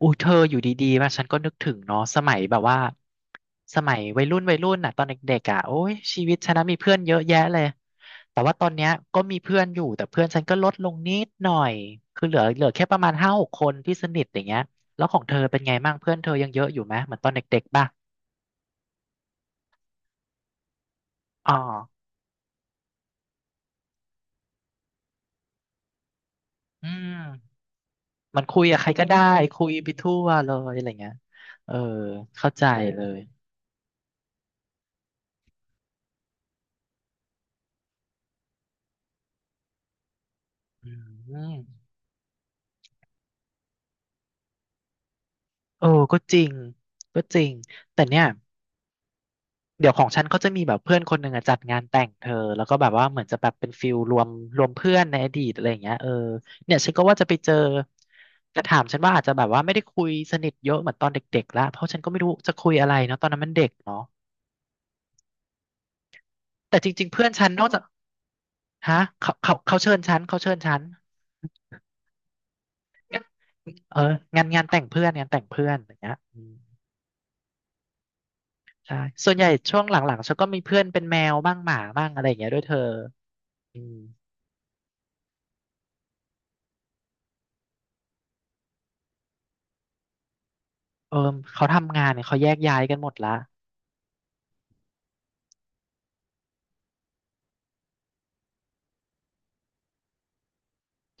อู้เธออยู่ดีๆมาฉันก็นึกถึงเนาะสมัยแบบว่าสมัยวัยรุ่นวัยรุ่นน่ะตอนเด็กๆอ่ะโอ้ยชีวิตฉันนะมีเพื่อนเยอะแยะเลยแต่ว่าตอนเนี้ยก็มีเพื่อนอยู่แต่เพื่อนฉันก็ลดลงนิดหน่อยคือเหลือแค่ประมาณ5-6 คนที่สนิทอย่างเงี้ยแล้วของเธอเป็นไงบ้างเพื่อนเธอยังเยอะอยู่ไหมเหมือนตอนเด็กๆป่ะอ๋ออืมมันคุยกับใครก็ได้คุยไปทั่วเลยอะไรเงี้ยเออเข้าใจเลยอืมเออก็จริงก็จริงแต่เนี่ย เดี๋ยวของฉันเขาจะมีแบบเพื่อนคนหนึ่งอะจัดงานแต่งเธอแล้วก็แบบว่าเหมือนจะแบบเป็นฟิลรวมเพื่อนในอดีตอะไรอย่างเงี้ยเออเนี่ยฉันก็ว่าจะไปเจอแต่ถามฉันว่าอาจจะแบบว่าไม่ได้คุยสนิทเยอะเหมือนตอนเด็กๆละเพราะฉันก็ไม่รู้จะคุยอะไรเนาะตอนนั้นมันเด็กเนาะแต่จริงๆเพื่อนฉันนอกจากฮะเขาเชิญฉันเขาเชิญฉันเอองานแต่งเพื่อนงานแต่งเพื่อนอย่างเงี้ยอืมใช่ส่วนใหญ่ช่วงหลังๆฉันก็มีเพื่อนเป็นแมวบ้างหมาบ้างอะไรอย่างเงี้ยด้วยเธออืมเออเขาทำงานเนี่ยเขาแยกย้ายกันหมดละ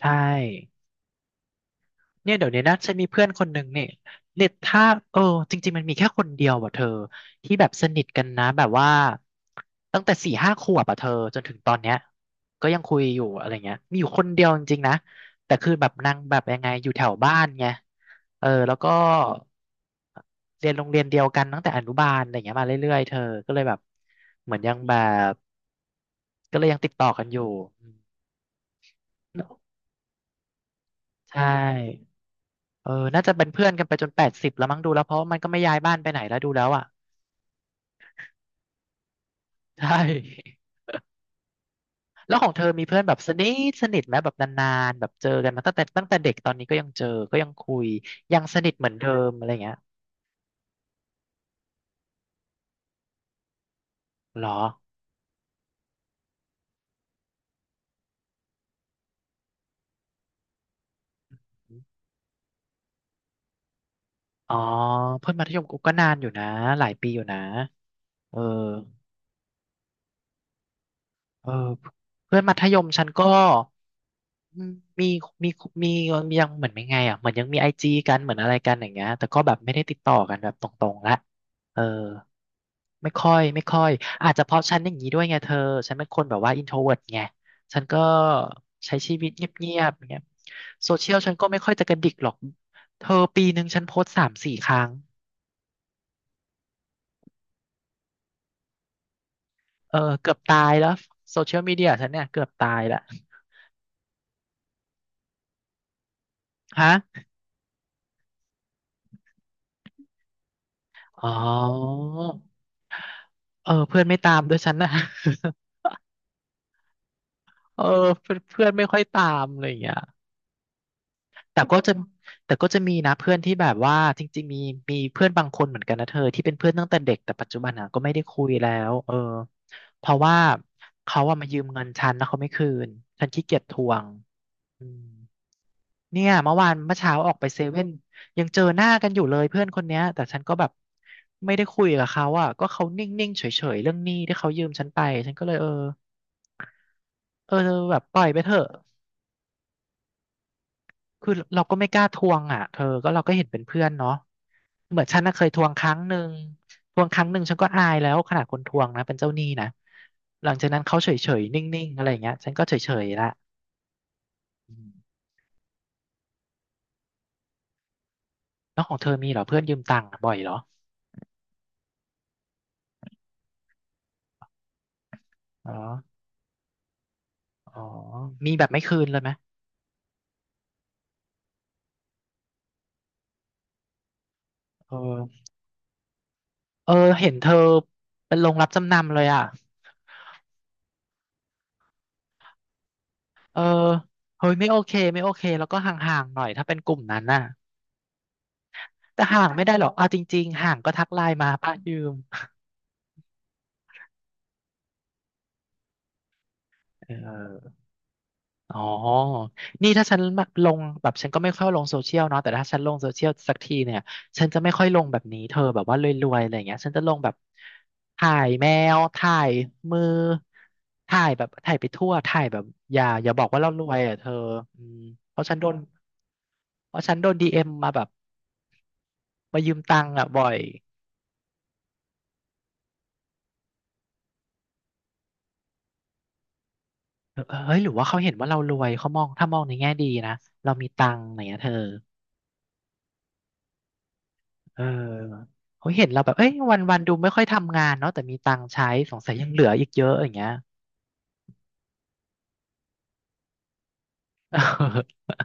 ใช่เนี่ยเดี๋ยวนี้นะฉันมีเพื่อนคนหนึ่งเนี่ยเน็ตถ้าเออจริงๆมันมีแค่คนเดียวอ่ะเธอที่แบบสนิทกันนะแบบว่าตั้งแต่4-5 ขวบอ่ะเธอจนถึงตอนเนี้ยก็ยังคุยอยู่อะไรเงี้ยมีอยู่คนเดียวจริงๆนะแต่คือแบบนางแบบยังไงอยู่แถวบ้านไงเออแล้วก็เรียนโรงเรียนเดียวกันตั้งแต่อนุบาลอะไรเงี้ยมาเรื่อยๆเธอก็เลยแบบเหมือนยังแบบก็เลยยังติดต่อกันอยู่อืมใช่ เออน่าจะเป็นเพื่อนกันไปจน80แล้วมั้งดูแล้วเพราะมันก็ไม่ย้ายบ้านไปไหนแล้วดูแล้วอ่ะใช่ แล้วของเธอมีเพื่อนแบบสนิทสนิทไหมแบบนานๆแบบเจอกันมาตั้งแต่เด็กตอนนี้ก็ยังเจอก็ยังคุยยังสนิทเหมือนเดิมอะไรเงี้ยเหรออ๋อเพื่อนมัธยมกูก็นานอยู่นะหลายปีอยู่นะเออเออเพื่อนมัธยมฉันก็อืมมีมีมียังเหมือนไม่ไงอ่ะเหมือนยังมีไอจีกันเหมือนอะไรกันอย่างเงี้ยแต่ก็แบบไม่ได้ติดต่อกันแบบตรงๆละเออ ไม่ค่อยไม่ค่อยอาจจะเพราะฉันอย่างนี้ด้วยไงเธอฉันเป็นคนแบบว่าอินโทรเวิร์ไงฉันก็ใช้ชีวิตเงียบๆอย่างเงี้ยโซเชียลฉันก็ไม่ค่อยจะกระดิกหรอกเธอปีหนึ่งฉันโพสต์3-4 ครั้งเออเกือบตายแล้วโซเชียลมีเดียฉันเนี่ยเกือบตายละฮะอ๋อเออเพื่อนไม่ตามด้วยฉันนะ เออเพื่อนเพื่อนไม่ค่อยตามอะไรอย่างเงี้ย แต่ก็จะแต่ก็จะมีนะเพื่อนที่แบบว่าจริงๆมีเพื่อนบางคนเหมือนกันนะเธอที่เป็นเพื่อนตั้งแต่เด็กแต่ปัจจุบันอ่ะก็ไม่ได้คุยแล้วเออเพราะว่าเขาอะมายืมเงินฉันแล้วเขาไม่คืนฉันขี้เกียจทวงอืมเนี่ยเมื่อวานเมื่อเช้าออกไปเซเว่นยังเจอหน้ากันอยู่เลยเพื่อนคนเนี้ยแต่ฉันก็แบบไม่ได้คุยกับเขาอ่ะก็เขานิ่งๆเฉยๆเรื่องหนี้ที่เขายืมฉันไปฉันก็เลยเออเออแบบปล่อยไปเถอะ คือเราก็ไม่กล้าทวงอ่ะเธอก็เราก็เห็นเป็นเพื่อนเนาะเหมือนฉันน่ะเคยทวงครั้งหนึ่งทวงครั้งหนึ่งฉันก็อายแล้วขนาดคนทวงนะเป็นเจ้าหนี้นะ หลังจากนั้นเขาเฉยๆนิ่งๆอะไรอย่างเงี้ยฉันก็เฉยๆละอืมแล้วของเธอมีเหรอเพื่อนยืมตังค์บ่อยเหรออ๋ออ๋อมีแบบไม่คืนเลยไหมเออเออเห็นเธอเป็นโรงรับจำนำเลยอ่ะเออเฮ้ยไม่โอเคไม่โอเคแล้วก็ห่างๆหน่อยถ้าเป็นกลุ่มนั้นน่ะแต่ห่างไม่ได้หรอกเอาจริงๆห่างก็ทักไลน์มาป้ายืมเออ อ๋อนี่ถ้าฉันแบบลงแบบฉันก็ไม่ค่อยลงโซเชียลเนาะแต่ถ้าฉันลงโซเชียลสักทีเนี่ยฉันจะไม่ค่อยลงแบบนี้เธอแบบว่ารวยๆอะไรอย่างเงี้ยฉันจะลงแบบถ่ายแมวถ่ายมือถ่ายแบบถ่ายไปทั่วถ่ายแบบอย่าบอกว่าเรารวยอ่ะเธออืมเพราะฉันโดนเพราะฉันโดนดีเอ็มมาแบบมายืมตังค์อ่ะบ่อยเออเฮ้ยหรือว่าเขาเห็นว่าเรารวยเขามองถ้ามองในแง่ดีนะเรามีตังค์อะไรอย่างเงี้ยเธอ เออเขาเห็นเราแบบเอ้ยวันวันดูไม่ค่อยทำงานเนาะแต่มีตังค์ใช้สงสัยยังเหลืออีกเยอะอย่างเงี้ย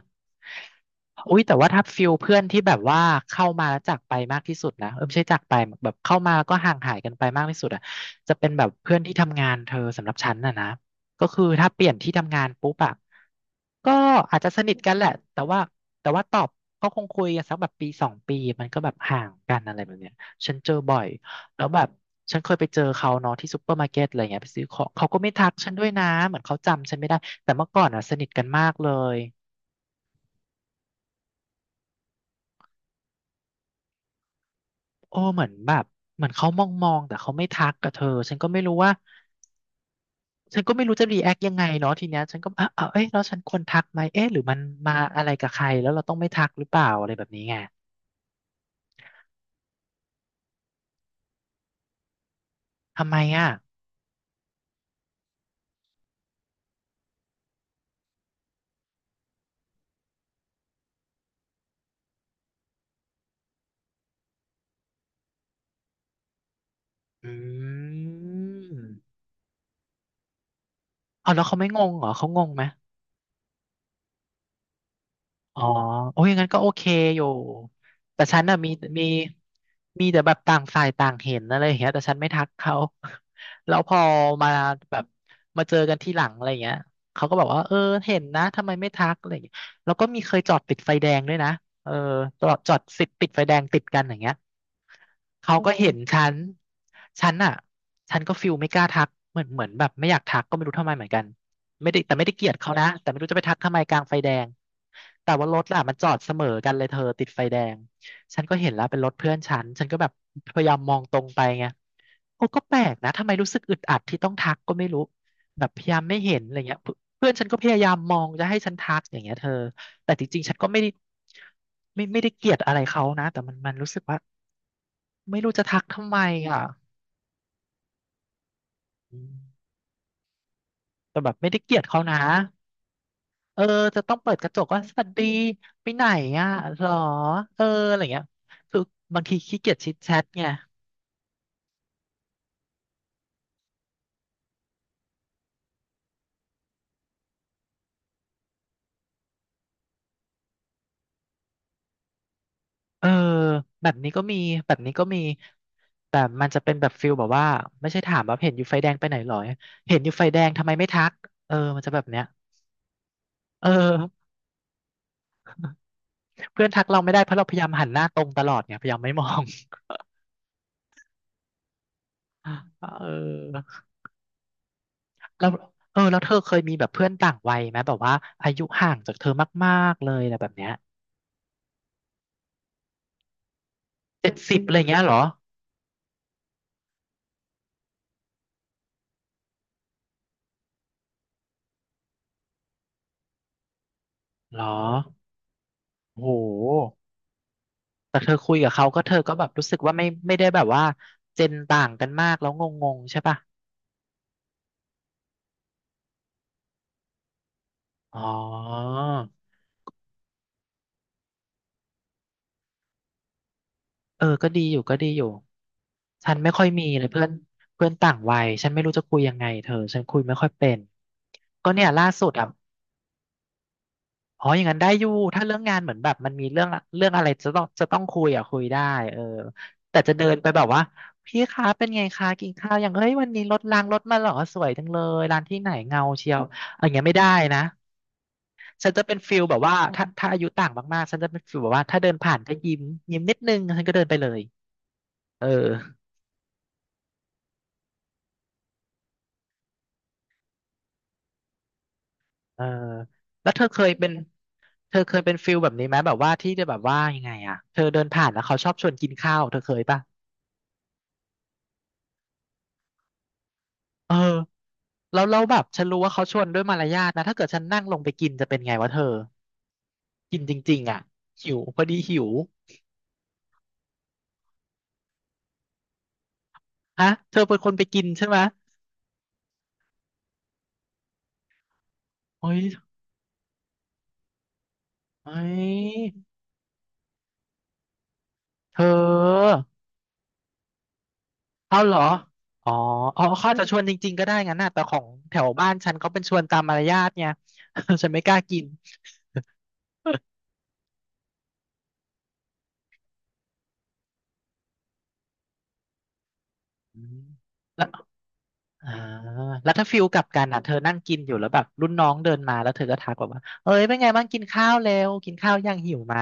อุ้ยแต่ว่าถ้าฟิลเพื่อนที่แบบว่าเข้ามาแล้วจากไปมากที่สุดนะเออไม่ใช่จากไปแบบเข้ามาแล้วก็ห่างหายกันไปมากที่สุดอ่ะจะเป็นแบบเพื่อนที่ทำงานเธอสำหรับฉันน่ะนะก็คือถ้าเปลี่ยนที่ทำงานปุ๊บอะ ก็อาจจะสนิทกันแหละแต่ว่าตอบก็คงคุยกันสักแบบปีสองปีมันก็แบบห่างกันอะไรแบบเนี้ยฉันเจอบ่อยแล้วแบบฉันเคยไปเจอเขาเนาะที่ซูเปอร์มาร์เก็ตอะไรเงี้ยไปซื้อของเขาก็ไม่ทักฉันด้วยนะเหมือนเขาจำฉันไม่ได้แต่เมื่อก่อนอ่ะสนิทกันมากเลยโอ้เหมือนแบบเหมือนเขามองมองแต่เขาไม่ทักกับเธอฉันก็ไม่รู้ว่าฉันก็ไม่รู้จะรีแอคยังไงเนาะทีเนี้ยฉันก็อ่ะอ่ะเอ้ยแล้วฉันควรทักไหมเอ๊ะหรือมันมาอะไรกับใครแล้วเราต้องไม่ทักหรือเปล่าอะไรแบบนี้ไงทำไมอ่ะ อืมเอาแล้วเขาไม่งงเหรอเขางงไหมอ๋อโอ้ยงั้นก็โอเคอยู่แต่ฉันน่ะมีมีแต่แบบต่างฝ่ายต่างเห็นอะไรอย่างเงี้ยแต่ฉันไม่ทักเขา แล้วพอมาแบบมาเจอกันที่หลังอะไรอย่างเงี้ยเขาก็บอกว่าเออเห็นนะทำไมไม่ทักอะไรอย่างเงี้ยแล้วก็มีเคยจอดติดไฟแดงด้วยนะเออจอดสิติดไฟแดงติดกันอย่างเงี้ยเขาก็เห็นฉันฉันอ่ะฉันก็ฟิลไม่กล้าทักเหมือนแบบไม่อยากทักก็ไม่รู้ทำไมเหมือนกัน ไม่ได้แต่ไม่ได้เกลียดเขานะแต่ไม่รู้จะไปทักทำไมกลางไฟแดงแต่ว่ารถล่ะมันจอดเสมอกันเลยเธอติดไฟแดงฉันก็เห็นแล้วเป็นรถเพื่อนฉันฉันก็แบบพยายามมองตรงไปไงโอ้ก็แปลกนะทำไมรู้สึกอึดอัดที่ต้องทักก็ไม่รู้แบบพยายามไม่เห็นอะไรเงี้ยเพื่อนฉันก็พยายามมองจะให้ฉันทักอย่างเงี้ยเธอแต่จริงๆฉันก็ไม่ได้ไม่ได้เกลียดอะไรเขานะแต่มันรู้สึกว่าไม่รู้จะทักทำไมอ่ะอืมแต่แบบไม่ได้เกลียดเขานะ เออจะต้องเปิดกระจกว่าสวัสดีไปไหนอ่ะหรอเอออะไรเงี้ยคือบางทีขี้เกียจชิดแชทไงเออแบบนี้ก็มีแบบนี้ก็มีแต่มันจะเป็นแบบฟิลแบบว่าไม่ใช่ถามว่าเห็นอยู่ไฟแดงไปไหนหรอเห็นอยู่ไฟแดงทำไมไม่ทักเออมันจะแบบเนี้ยเออเพื่อนทักเราไม่ได้เพราะเราพยายามหันหน้าตรงตลอดไงพยายามไม่มอง เออแล้วเธอเคยมีแบบเพื่อนต่างวัยไหมแบบว่าอายุห่างจากเธอมากๆเลยอะไรแบบเนี้ยเจ็ดสิบอะไรเงี้ยเหรอเหรอ โอ้โหแต่เธอคุยกับเขาก็เธอก็แบบรู้สึกว่าไม่ได้แบบว่าเจนต่างกันมากแล้วงงๆใช่ป่ะอ๋อเออก็ดีอยู่ก็ดีอยู่ฉันไม่ค่อยมีเลยเพื่อนเพื่อนต่างวัยฉันไม่รู้จะคุยยังไงเธอฉันคุยไม่ค่อยเป็นก็เนี่ยล่าสุดอ่ะ อ๋ออย่างนั้นได้อยู่ถ้าเรื่องงานเหมือนแบบมันมีเรื่องเรื่องอะไรจะต้องคุยอ่ะคุยได้เออแต่จะเดินไปแบบว่าพี่คะเป็นไงคะกินข้าวอย่างเฮ้ยวันนี้รถรางรถมาเหรอสวยจังเลยร้านที่ไหนเงาเชียวอย่างเงี้ยไม่ได้นะฉันจะเป็นฟิลแบบว่าถ้าอายุต่างมากๆฉันจะเป็นฟิลแบบว่าถ้าเดินผ่านก็ยิ้มยิ้มนิดนึงฉันก็เดินไปเลยเออเออแล้วเธอเคยเป็นเธอเคยเป็นฟิลแบบนี้ไหมแบบว่าที่จะแบบว่ายังไงอ่ะเธอเดินผ่านแล้วเขาชอบชวนกินข้าวเธอเคยป่ะเออ แล้วเราแบบฉันรู้ว่าเขาชวนด้วยมารยาทนะถ้าเกิดฉันนั่งลงไปกินจะเป็นไงวะเธอกินจริงๆอ่ะหิวพอดีหิวฮะเธอเป็นคนไปกินใช่ไหมเฮ้ยเฮ้ยเธอเอาเหรออ๋ออ๋อเขาอาจจะชวนจริงๆก็ได้งั้นนะแต่ของแถวบ้านฉันเขาเป็นชวนตามมารยาทไง ฉันไม่กล้ากิน แล้ว อ่าแล้วถ้าฟิลกลับกันอ่ะเธอนั่งกินอยู่แล้วแบบรุ่นน้องเดินมาแล้วเธอก็ทักแบบว่าเอ้ยเป็นไงบ้างกินข้าวแล้วกินข้าวยังหิวไหม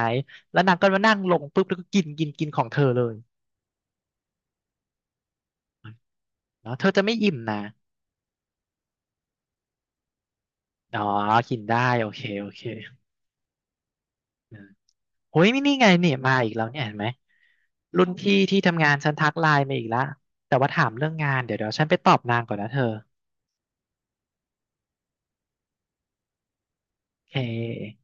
แล้วนางก็มานั่งลงปุ๊บแล้วก็กินกินกินของเธอเลยเนาะเธอจะไม่อิ่มนะอ๋อกินได้โอเคอืมโอ้ยนี่ไงเนี่ยมาอีกแล้วเนี่ยเห็นไหมรุ่นพี่ที่ทำงานฉันทักไลน์มาอีกละแต่ว่าถามเรื่องงานเดี๋ยวฉันไปตอบนางก่อนนะเธอโอเค